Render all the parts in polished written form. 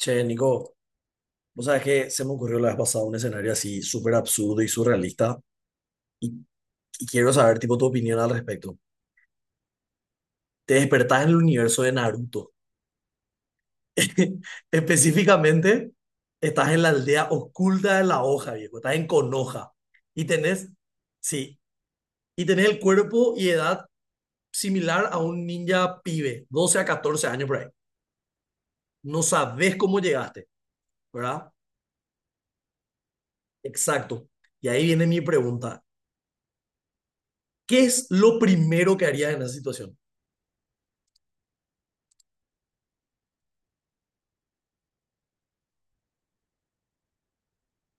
Che, Nico, vos sabés que se me ocurrió la vez pasada un escenario así súper absurdo y surrealista y, y quiero saber tipo tu opinión al respecto. Te despertás en el universo de Naruto. Específicamente, estás en la aldea oculta de la hoja, viejo. Estás en Konoha y tenés, sí, y tenés el cuerpo y edad similar a un ninja pibe, 12 a 14 años por ahí. No sabés cómo llegaste, ¿verdad? Exacto. Y ahí viene mi pregunta. ¿Qué es lo primero que harías en esa situación?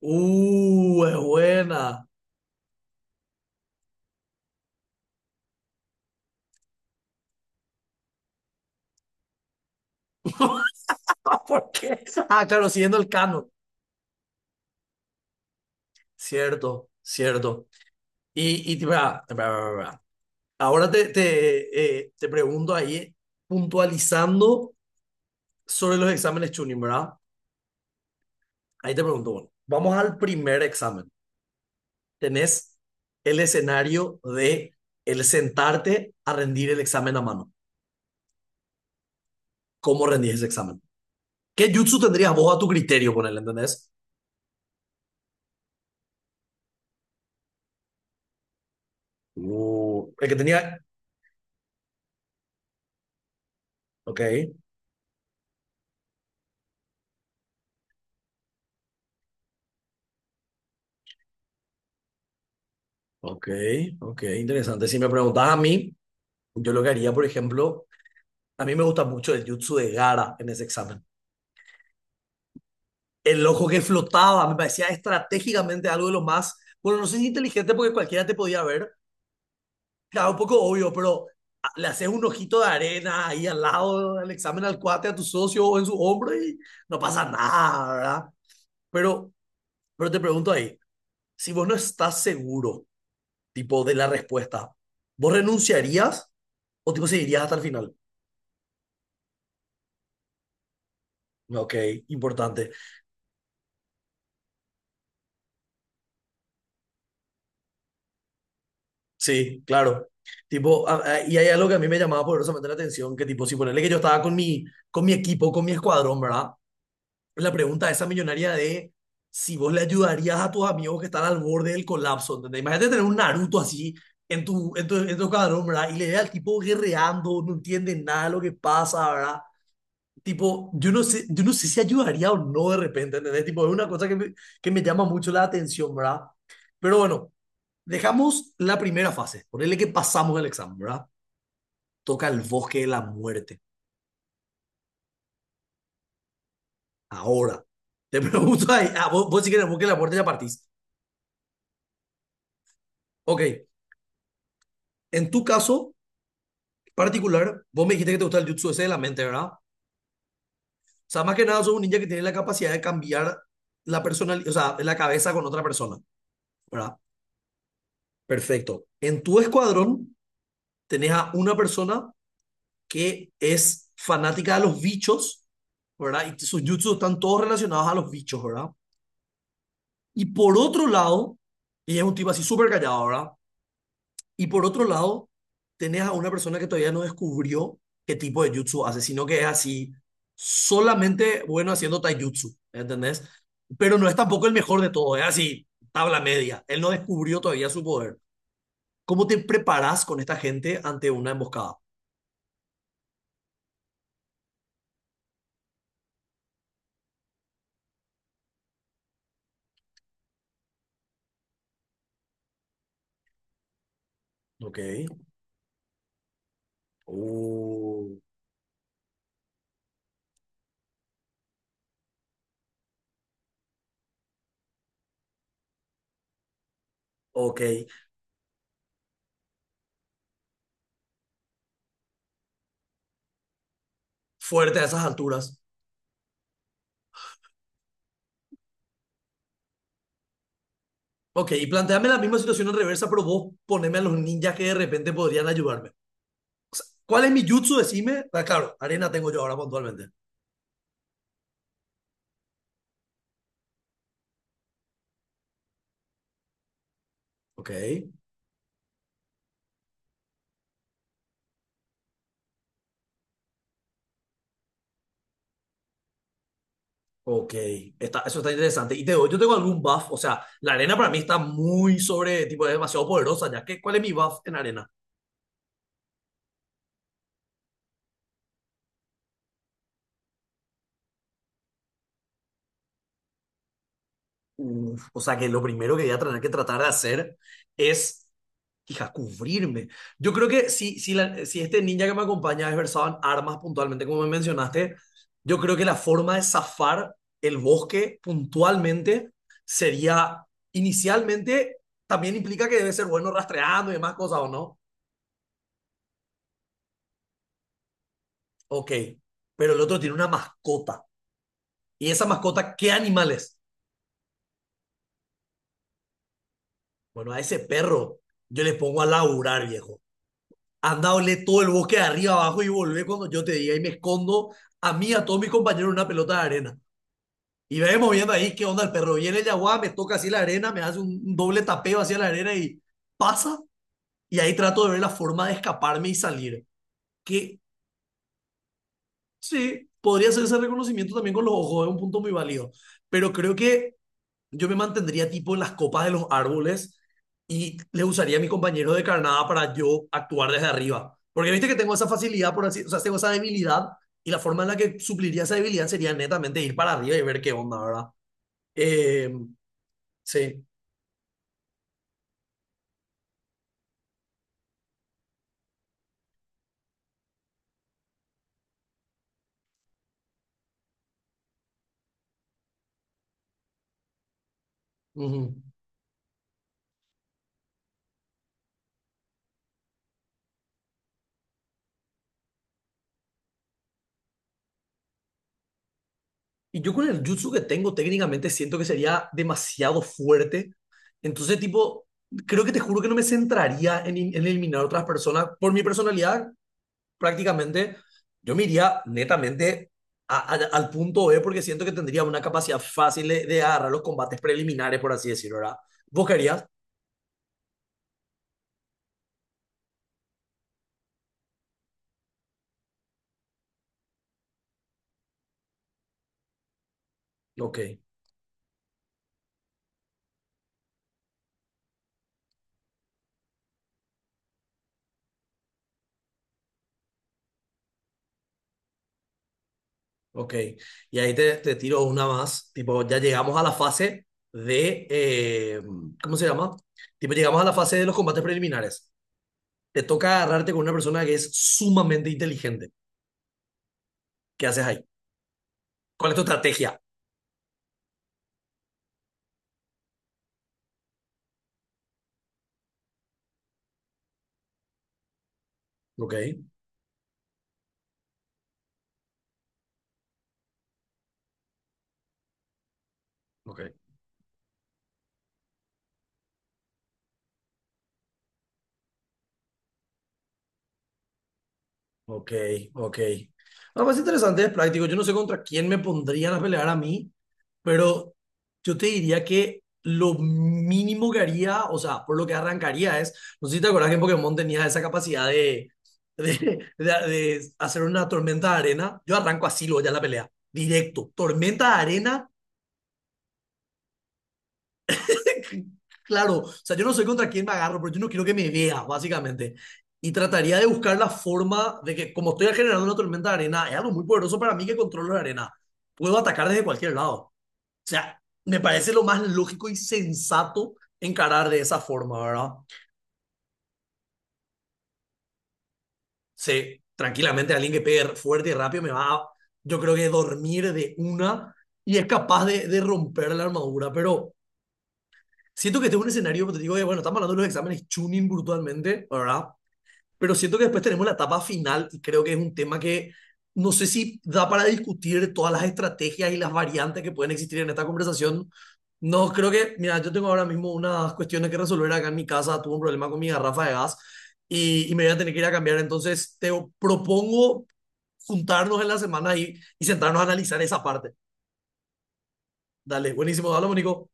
Es buena. ¿Por qué? Ah, claro, siguiendo el canon. Cierto, cierto. Y te- va, va, va, va. Ahora te pregunto ahí, puntualizando sobre los exámenes Chunin, ¿verdad? Ahí te pregunto, bueno, vamos al primer examen. Tenés el escenario de el sentarte a rendir el examen a mano. ¿Cómo rendís ese examen? ¿Qué jutsu tendrías vos a tu criterio, ponele, entendés? El que tenía... Ok. Ok, ok, interesante. Si me preguntas a mí, yo lo que haría, por ejemplo, a mí me gusta mucho el jutsu de Gara en ese examen. El ojo que flotaba me parecía estratégicamente algo de lo más, bueno, no sé si inteligente porque cualquiera te podía ver, claro, un poco obvio, pero le haces un ojito de arena ahí al lado del examen al cuate, a tu socio o en su hombro y no pasa nada, ¿verdad? Pero, pero te pregunto ahí, si vos no estás seguro, tipo, de la respuesta, ¿vos renunciarías o tipo seguirías hasta el final? Ok, importante. Sí, claro. Tipo, y hay algo que a mí me llamaba poderosamente la atención, que tipo, si ponerle que yo estaba con mi equipo, con mi escuadrón, ¿verdad? La pregunta esa millonaria de si vos le ayudarías a tus amigos que están al borde del colapso, ¿entendés? Imagínate tener un Naruto así en tu escuadrón, ¿verdad? Y le ve al tipo guerreando, no entiende nada de lo que pasa, ¿verdad? Tipo, yo no sé si ayudaría o no de repente, ¿entendés? Tipo, es una cosa que me llama mucho la atención, ¿verdad? Pero bueno. Dejamos la primera fase, ponele que pasamos el examen, ¿verdad? Toca el bosque de la muerte, ahora. Te pregunto ahí, ah, vos sí que en el bosque de la muerte ya partís. Ok, en tu caso particular, vos me dijiste que te gusta el jutsu ese de la mente, ¿verdad? O sea, más que nada sos un ninja que tiene la capacidad de cambiar la personalidad, o sea, la cabeza con otra persona, ¿verdad? Perfecto. En tu escuadrón tenés a una persona que es fanática de los bichos, ¿verdad? Y sus jutsus están todos relacionados a los bichos, ¿verdad? Y por otro lado, ella es un tipo así súper callado, ¿verdad? Y por otro lado, tenés a una persona que todavía no descubrió qué tipo de jutsu hace, sino que es así, solamente bueno haciendo taijutsu, ¿entendés? Pero no es tampoco el mejor de todo, es así, tabla media. Él no descubrió todavía su poder. ¿Cómo te preparás con esta gente ante una emboscada? Ok. Uh, ok. Fuerte a esas alturas. Ok, y planteame la misma situación en reversa, pero vos poneme a los ninjas que de repente podrían ayudarme. O sea, ¿cuál es mi jutsu? Decime. Ah, claro, arena tengo yo ahora puntualmente. Ok, ok. Está, eso está interesante. Y te doy, yo tengo algún buff. O sea, la arena para mí está muy sobre, tipo, es demasiado poderosa ya. ¿Que cuál es mi buff en arena? Uf, o sea, que lo primero que voy a tener que tratar de hacer es hija, cubrirme. Yo creo que si este ninja que me acompaña es versado en armas puntualmente, como me mencionaste, yo creo que la forma de zafar el bosque puntualmente sería, inicialmente, también implica que debe ser bueno rastreando y demás cosas, ¿o no? Ok, pero el otro tiene una mascota. ¿Y esa mascota qué animal es? Bueno, a ese perro yo le pongo a laburar, viejo. Anda, olé todo el bosque de arriba abajo y volvé cuando yo te diga y me escondo a mí, a todos mis compañeros, en una pelota de arena. Y vemos moviendo ahí qué onda el perro. Viene el yaguá, me toca así la arena, me hace un doble tapeo hacia la arena y pasa. Y ahí trato de ver la forma de escaparme y salir. Que sí, podría hacer ese reconocimiento también con los ojos, es un punto muy válido. Pero creo que yo me mantendría tipo en las copas de los árboles y le usaría a mi compañero de carnada para yo actuar desde arriba. Porque viste que tengo esa facilidad, por así, o sea, tengo esa debilidad y la forma en la que supliría esa debilidad sería netamente ir para arriba y ver qué onda, ¿verdad? Eh, sí. Ujú. Y yo con el jutsu que tengo técnicamente siento que sería demasiado fuerte. Entonces, tipo, creo que te juro que no me centraría en eliminar otras personas. Por mi personalidad, prácticamente, yo me iría netamente al punto B porque siento que tendría una capacidad fácil de agarrar los combates preliminares, por así decirlo, ¿verdad? ¿Vos querías? Ok. Ok, y ahí te, te tiro una más, tipo, ya llegamos a la fase de, eh, ¿cómo se llama? Tipo, llegamos a la fase de los combates preliminares. Te toca agarrarte con una persona que es sumamente inteligente. ¿Qué haces ahí? ¿Cuál es tu estrategia? Ok, ok. Ok, ok. No, más interesante, es práctico. Yo no sé contra quién me pondrían a pelear a mí, pero yo te diría que lo mínimo que haría, o sea, por lo que arrancaría es, no sé si te acuerdas que en Pokémon tenía esa capacidad de hacer una tormenta de arena. Yo arranco así luego ya la pelea, directo. Tormenta de arena. Claro, o sea, yo no sé contra quién me agarro, pero yo no quiero que me veas, básicamente. Y trataría de buscar la forma de que, como estoy generando una tormenta de arena, es algo muy poderoso para mí que controlo la arena. Puedo atacar desde cualquier lado. O sea, me parece lo más lógico y sensato encarar de esa forma, ¿verdad? Sí, tranquilamente alguien que pegue fuerte y rápido me va a, yo creo que dormir de una y es capaz de romper la armadura, pero siento que este es un escenario, pues te digo, bueno, estamos hablando de los exámenes tuning brutalmente, ¿verdad? Pero siento que después tenemos la etapa final y creo que es un tema que no sé si da para discutir todas las estrategias y las variantes que pueden existir en esta conversación. No, creo que, mira, yo tengo ahora mismo unas cuestiones que resolver acá en mi casa, tuve un problema con mi garrafa de gas y me voy a tener que ir a cambiar, entonces te propongo juntarnos en la semana y sentarnos a analizar esa parte. Dale, buenísimo, dale, Mónico.